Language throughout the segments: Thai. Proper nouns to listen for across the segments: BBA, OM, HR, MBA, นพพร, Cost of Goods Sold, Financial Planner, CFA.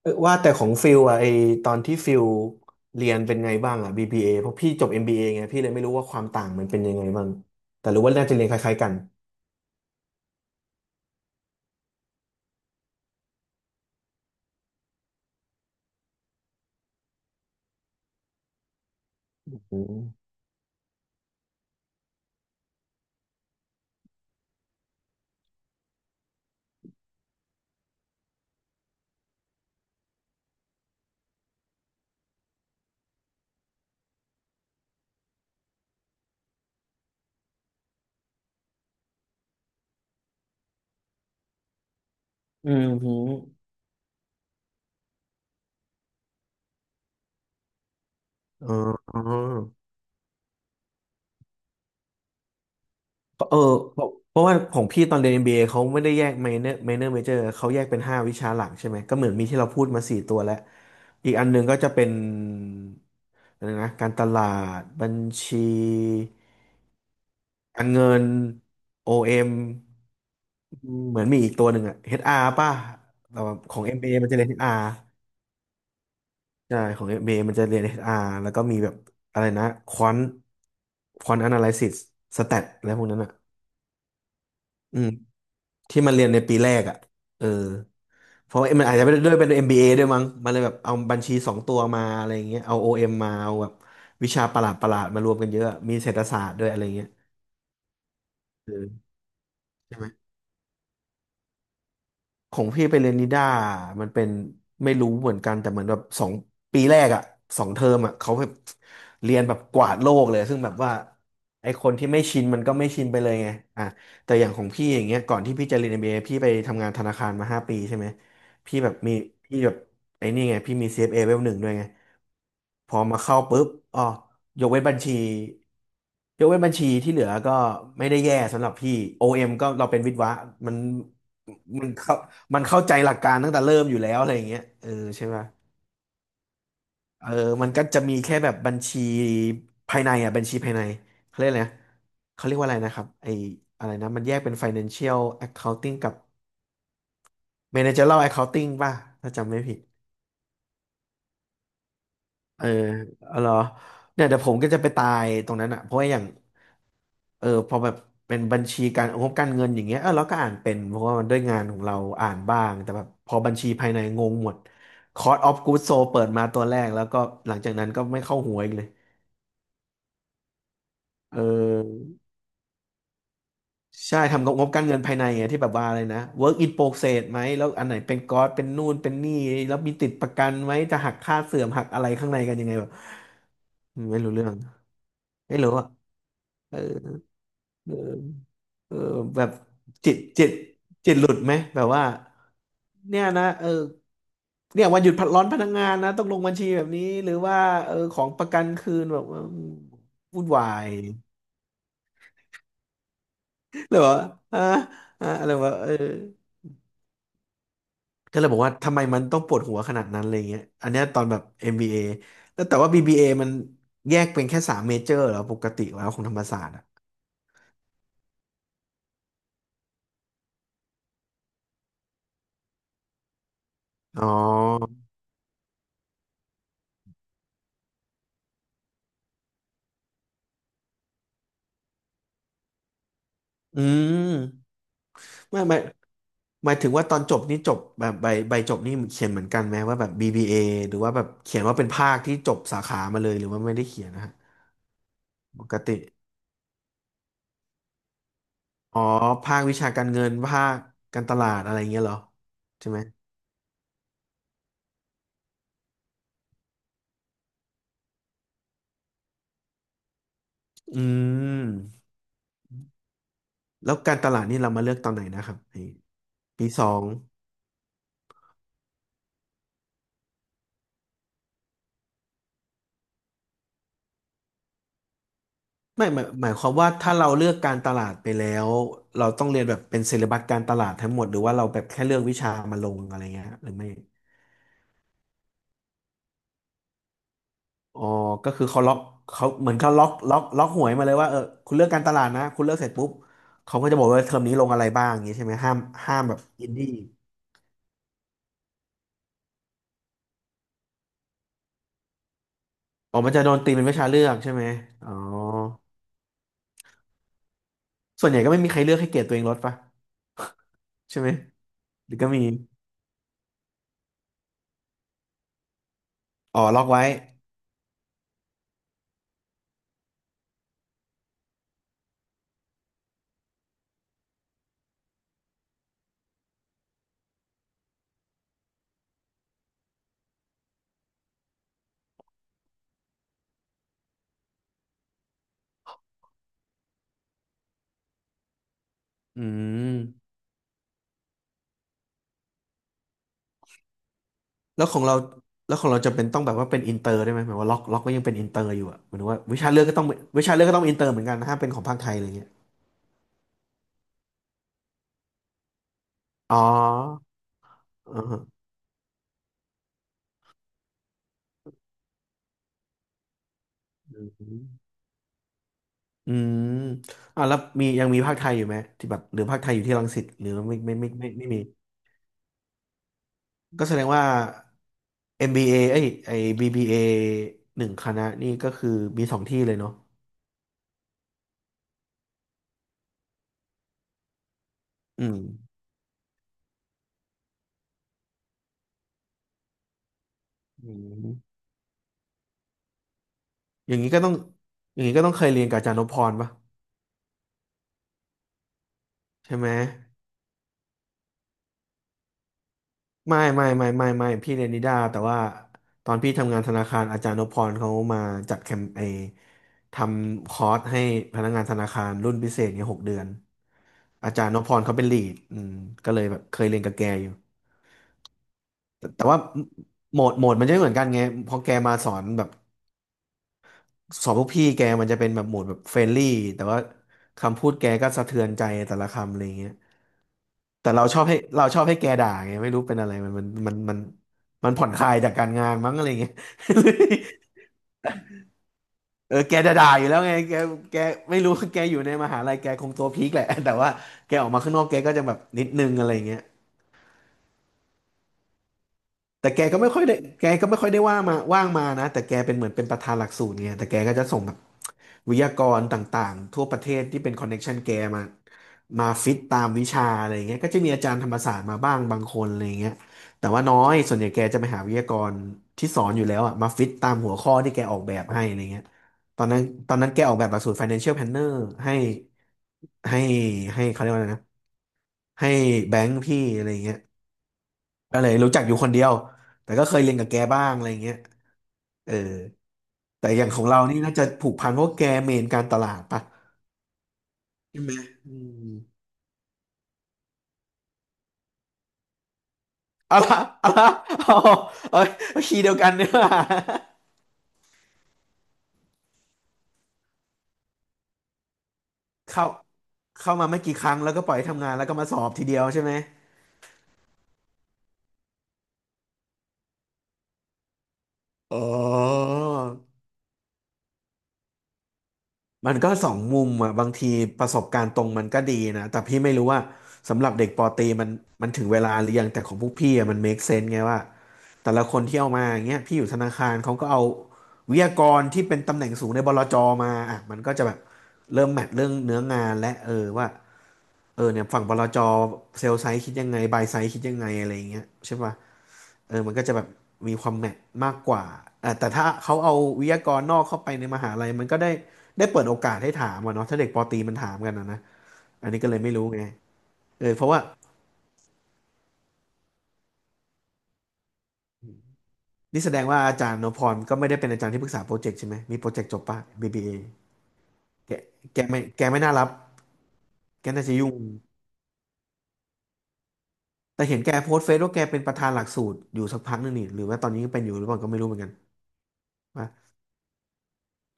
เออว่าแต่ของฟิลอะไอตอนที่ฟิลเรียนเป็นไงบ้างอะ BBA เอเพราะพี่จบ MBA ไงพี่เลยไม่รู้ว่าความต่างมันเป็นยังไงบ้างแต่รู้ว่าน่าจะเรียนคล้ายๆกันอืมอืมหืมอ๋อเออเพราะว่าของพี่ตอนเรียน MBA เอเขาไม่ได้แยก minor major เขาแยกเป็นห้าวิชาหลักใช่ไหมก็เหมือนมีที่เราพูดมาสี่ตัวแล้วอีกอันหนึ่งก็จะเป็นอะไรนะการตลาดบัญชีการเงินโอเอ็ม เหมือนมีอีกตัวหนึ่งอะ HR ป่ะแต่ว่าของ MBA มเอมันจะเรียน HR ใช่ของ MBA มเอมันจะเรียน HR แล้วก็มีแบบอะไรนะควอนควอนแอนาลิซิส s แตทอะไรพวกนั้นอะอืมที่มันเรียนในปีแรกอะเออเพราะว่ามันอาจจะไม่ได้ด้วยเป็น MBA ด้วยมั้งมันเลยแบบเอาบัญชีสองตัวมาอะไรอย่างเงี้ยเอา OM มมาเอาแบบวิชาประหลาดมารวมกันเยอะ มีเศรษฐศาสตร์ด้วยอะไรเงี้ยเออ ของพี่ไปเรียนนิด้ามันเป็นไม่รู้เหมือนกันแต่เหมือนแบบสองปีแรกอะสองเทอมอะเขาแบบเรียนแบบกวาดโลกเลยซึ่งแบบว่าไอคนที่ไม่ชินมันก็ไม่ชินไปเลยไงอ่ะแต่อย่างของพี่อย่างเงี้ยก่อนที่พี่จะเรียน MBA พี่ไปทำงานธนาคารมาห้าปีใช่ไหมพี่แบบมีพี่แบบไอ้นี่ไงพี่มี CFA เอฟเอเลเวลหนึ่งด้วยไงพอมาเข้าปุ๊บอ๋อยกเว้นบัญชียกเว้นบัญชีที่เหลือก็ไม่ได้แย่สำหรับพี่ OM ก็เราเป็นวิศวะมัน มันเข้ามันเข้าใจหลักการตั้งแต่เริ่มอยู่แล้วอะไรอย่างเงี้ยเออใช่ป่ะเออมันก็จะมีแค่แบบบัญชีภายในอ่ะบัญชีภายในเขาเรียกอะไรนะเขาเรียกว่าอะไรนะครับไออะไรนะมันแยกเป็น financial accounting กับ managerial accounting ป่ะถ้าจำไม่ผิดเออเอาเหรอเนี่ยเดี๋ยวผมก็จะไปตายตรงนั้นอ่ะเพราะว่าอย่าง เออพอแบบเป็นบัญชีการงบการเงินอย่างเงี้ยเออเราก็อ่านเป็นเพราะว่ามันด้วยงานของเราอ่านบ้างแต่แบบพอบัญชีภายในงงหมด Cost of Goods Sold เปิดมาตัวแรกแล้วก็หลังจากนั้นก็ไม่เข้าหัวอีกเลยเออใช่ทำกับงบการเงินภายในไงที่แบบว่าอะไรนะ work in progress ไหมแล้วอันไหนเป็นก๊อตเป็นนู่นเป็นนี่แล้วมีติดประกันไหมจะหักค่าเสื่อมหักอะไรข้างในกันยังไงแบบไม่รู้เรื่องไม่รู้อ่ะเออ เออแบบจิตจิตจิตหลุดไหมแบบว่าเนี่ยนะเออเนี่ยวันหยุดพักร้อนพนักงานนะต้องลงบัญชีแบบนี้หรือว่าเออของประกันคืนแบบว่าวุ่นวาย หรือว่าอ่าอะไรวะเออก็เลยบอกว่าทำไมมันต้องปวดหัวขนาดนั้นอะไรเงี้ยอันเนี้ยตอนแบบ MBA แล้วแต่ว่า BBA มันแยกเป็นแค่สามเมเจอร์เหรอปกติแล้วของธรรมศาสตร์อะอ๋ออืม ไม่ไม่หมายถึงว่าตอนจบนี่จบแบบใบใบจบนี่เขียนเหมือนกันไหมว่าแบบ BBA หรือว่าแบบเขียนว่าเป็นภาคที่จบสาขามาเลยหรือว่าไม่ได้เขียนนะฮะปกติอ๋อภาควิชาการเงินภาคการตลาดอะไรเงี้ยเหรอใช่ไหมอืมแล้วการตลาดนี่เรามาเลือกตอนไหนนะครับไอ้ปีสองไม่หมายความว่าถ้าเราเลือกการตลาดไปแล้วเราต้องเรียนแบบเป็นเซเลบัสการตลาดทั้งหมดหรือว่าเราแบบแค่เลือกวิชามาลงอะไรเงี้ยหรือไม่ อ๋อก็คือเขาล็อกเขาเหมือนเขาล็อกหวยมาเลยว่าเออคุณเลือกการตลาดนะคุณเลือกเสร็จปุ๊บเขาก็จะบอกว่าเทอมนี้ลงอะไรบ้างอย่างนี้ใช่ไหมห้ามแบบอินดี้อ๋อมันจะโดนตีเป็นวิชาเลือกใช่ไหมอ๋อส่วนใหญ่ก็ไม่มีใครเลือกให้เกรดตัวเองลดปะใช่ไหมหรือก็มีอ๋อล็อกไว้อืมแล้วของเราแล้วของเราจะเป็นต้องแบบว่าเป็นอินเตอร์ได้ไหมหมายว่าล็อกก็ยังเป็นอินเตอร์อยู่อะหมายถึงว่าวิชาเลือกก็ต้องวิชาเลือกก็ต้องอินเตอร์เหมือนกันนะห้ามเป็นของภาคไทยอะไรเงี้ยอ๋ออ๋อ อืมอ่ะแล้วมียังมีภาคไทยอยู่ไหมที่แบบหรือภาคไทยอยู่ที่รังสิตหรือไม่มีก็แสดงว่า MBA เอเอ้ยไอ้ BBA หนึ่งคณะนี่ก็คือมีสองที่เลยเนาะอืมอืมอย่างนี้ก็ต้องอย่างนี้ก็ต้องเคยเรียนกับอาจารย์นพพรป่ะใช่ไหม ไม่ไม่ไม่ไม่ไม่พี่เรียนนิด้าแต่ว่าตอนพี่ทำงานธนาคารอาจารย์นพพรเขามาจัดแคมเปญทำคอร์สให้พนักงานธนาคารรุ่นพิเศษเนี่ย6 เดือนอาจารย์นพพรเขาเป็นลีดก็เลยแบบเคยเรียนกับแกอยู่แต่ว่าโหมดมันจะไม่เหมือนกันไงเพอแกมาสอนแบบ สอบพวกพี่แกมันจะเป็นแบบโหมดแบบเฟรนลี่แต่ว่าคำพูดแกก็สะเทือนใจแต่ละคำอะไรเงี้ยแต่เราชอบให้เราชอบให้แกด่าไงไม่รู้เป็นอะไรมันมันผ่อนคลายจากการงานมั้งอะไรเงี้ย เออแกจะด่าอยู่แล้วไงแกไม่รู้แกอยู่ในมหาลัยแกคงตัวพีคแหละแต่ว่าแกออกมาข้างนอกแกก็จะแบบนิดนึงอะไรเงี้ยแต่แกก็ไม่ค่อยได้แกก็ไม่ค่อยได้ว่ามาว่างมานะแต่แกเป็นเหมือนเป็นประธานหลักสูตรไงแต่แกก็จะส่ง วิทยากรต่างๆทั่วประเทศที่เป็นคอนเน็กชันแกมามาฟิตตามวิชาอะไรอย่างเงี้ยก็จะมีอาจารย์ธรรมศาสตร์มาบ้างบางคนอะไรอย่างเงี้ยแต่ว่าน้อยส่วนใหญ่แกจะไปหาวิทยากรที่สอนอยู่แล้วอะมาฟิตตามหัวข้อที่แกออกแบบให้อะไรเงี้ยตอนนั้นตอนนั้นแกออกแบบหลักสูตร Financial Planner ให้ให้ให้เขาเรียกว่าอะไรนะให้แบงค์พี่อะไรเงี้ยก็เลยรู้จักอยู่คนเดียว แต่ก็เคยเรียนกับแกบ้างอะไรเงี้ยเออแต่อย่างของเรานี่น่าจะผูกพันเพราะแกเมนการตลาดปะ ใช่ไหมอืมเอาละเอาเอาเอาคีย์เดียวกันเนี่ยเข้าเข้ามาไม่กี่ครั้งแล้วก็ปล่อยให้ทำงานแล้วก็มาสอบทีเดียวใช่ไหมอ๋อมันก็สองมุมอ่ะบางทีประสบการณ์ตรงมันก็ดีนะแต่พี่ไม่รู้ว่าสำหรับเด็กปอตรีมันถึงเวลาหรือยังแต่ของพวกพี่อ่ะมัน make sense ไงว่าแต่ละคนที่เอามาอย่างเงี้ยพี่อยู่ธนาคารเขาก็เอาวิทยากรที่เป็นตำแหน่งสูงในบลจมาอ่ะมันก็จะแบบเริ่มแมทเรื่องเนื้องานและเออว่า เออเนี่ยฝั่งบลจเซลล์ไซส์คิดยังไงบายไซส์คิดยังไงอะไรอย่างเงี้ยใช่ป่ะเออมันก็จะแบบมีความแมทมากกว่าเออแต่ถ้าเขาเอาวิทยากรนอกเข้าไปในมหาลัยมันก็ได้ได้เปิดโอกาสให้ถามอะเนาะถ้าเด็กปอตรีมันถามกันอะนะอันนี้ก็เลยไม่รู้ไงเออเพราะว่านี่แสดงว่าอาจารย์นพพรก็ไม่ได้เป็นอาจารย์ที่ปรึกษาโปรเจกต์ใช่ไหมมีโปรเจกต์จบป่ะ BBA แกแกไม่ไม่น่ารับแกน่าจะยุ่งแต่เห็นแกโพสต์เฟซว่าแกเป็นประธานหลักสูตรอยู่สักพักนึงนี่หรือว่าตอนนี้ยังเป็นอยู่หรือเปล่าก็ไม่รู้เหมือนกันว่า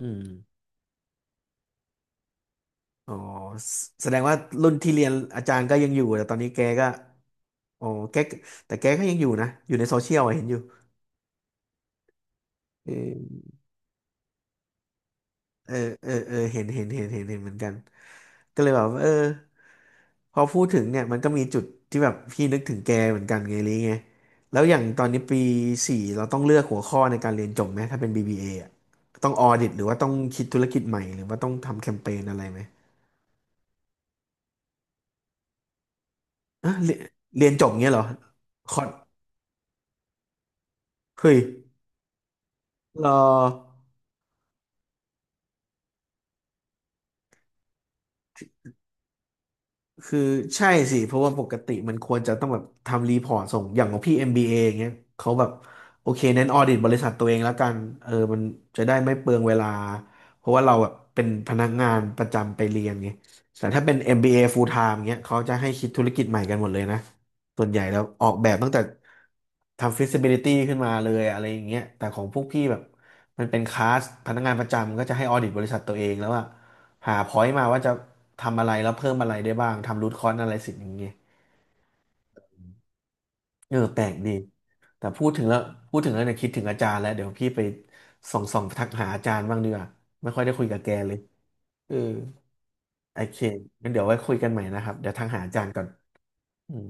อืม อ๋อแสดงว่ารุ่นที่เรียนอาจารย์ก็ยังอยู่แต่ตอนนี้แกก็อ๋อแกแต่แกก็ยังอยู่นะอยู่ในโซเชียลอะเห็นอยู่เออเออเห็นเหมือนกันก็เลยแบบว่าเออพอพูดถึงเนี่ยมันก็มีจุดที่แบบพี่นึกถึงแกเหมือนกันไงลิไงแล้วอย่างตอนนี้ปี 4เราต้องเลือกหัวข้อในการเรียนจบไหมถ้าเป็น BBA ออะต้องออดิตหรือว่าต้องคิดธุรกิจใหม่หรือว่าต้องทำแคมเปญอะไรไหมอ่ะเรียนจบเงี้ยเหรอคอร์สเฮ้ยรอ คือใช่สิเพราะว่าปกติมันควรจะต้องแบบทำรีพอร์ตส่งอย่างของพี่ MBA อมบีเออย่างเงี้ยเขาแบบโอเคเน้นออดิตบริษัทตัวเองแล้วกันเออมันจะได้ไม่เปลืองเวลาเพราะว่าเราแบบเป็นพนักงานประจำไปเรียนไงแต่ถ้าเป็น MBA full time เงี้ยเขาจะให้คิดธุรกิจใหม่กันหมดเลยนะส่วนใหญ่แล้วออกแบบตั้งแต่ทำ feasibility ขึ้นมาเลยอะไรอย่างเงี้ยแต่ของพวกพี่แบบมันเป็นคลาสพนักงานประจำก็จะให้ออดิตบริษัทตัวเองแล้วอะ หาพอยต์มาว่าจะทำอะไรแล้วเพิ่มอะไรได้บ้างทำรูทคอ s อะไรสิ่งอย่างเงี้ยเออแปลกดีแต่พูดถึงแล้วเนี่ยคิดถึงอาจารย์แล้วเดี๋ยวพี่ไปส่องทักหาอาจารย์บ้างดีกว่าไม่ค่อยได้คุยกับแกเลยเออโอเคงั้นเดี๋ยวไว้คุยกันใหม่นะครับเดี๋ยวทักหาอาจารย์ก่อนอืม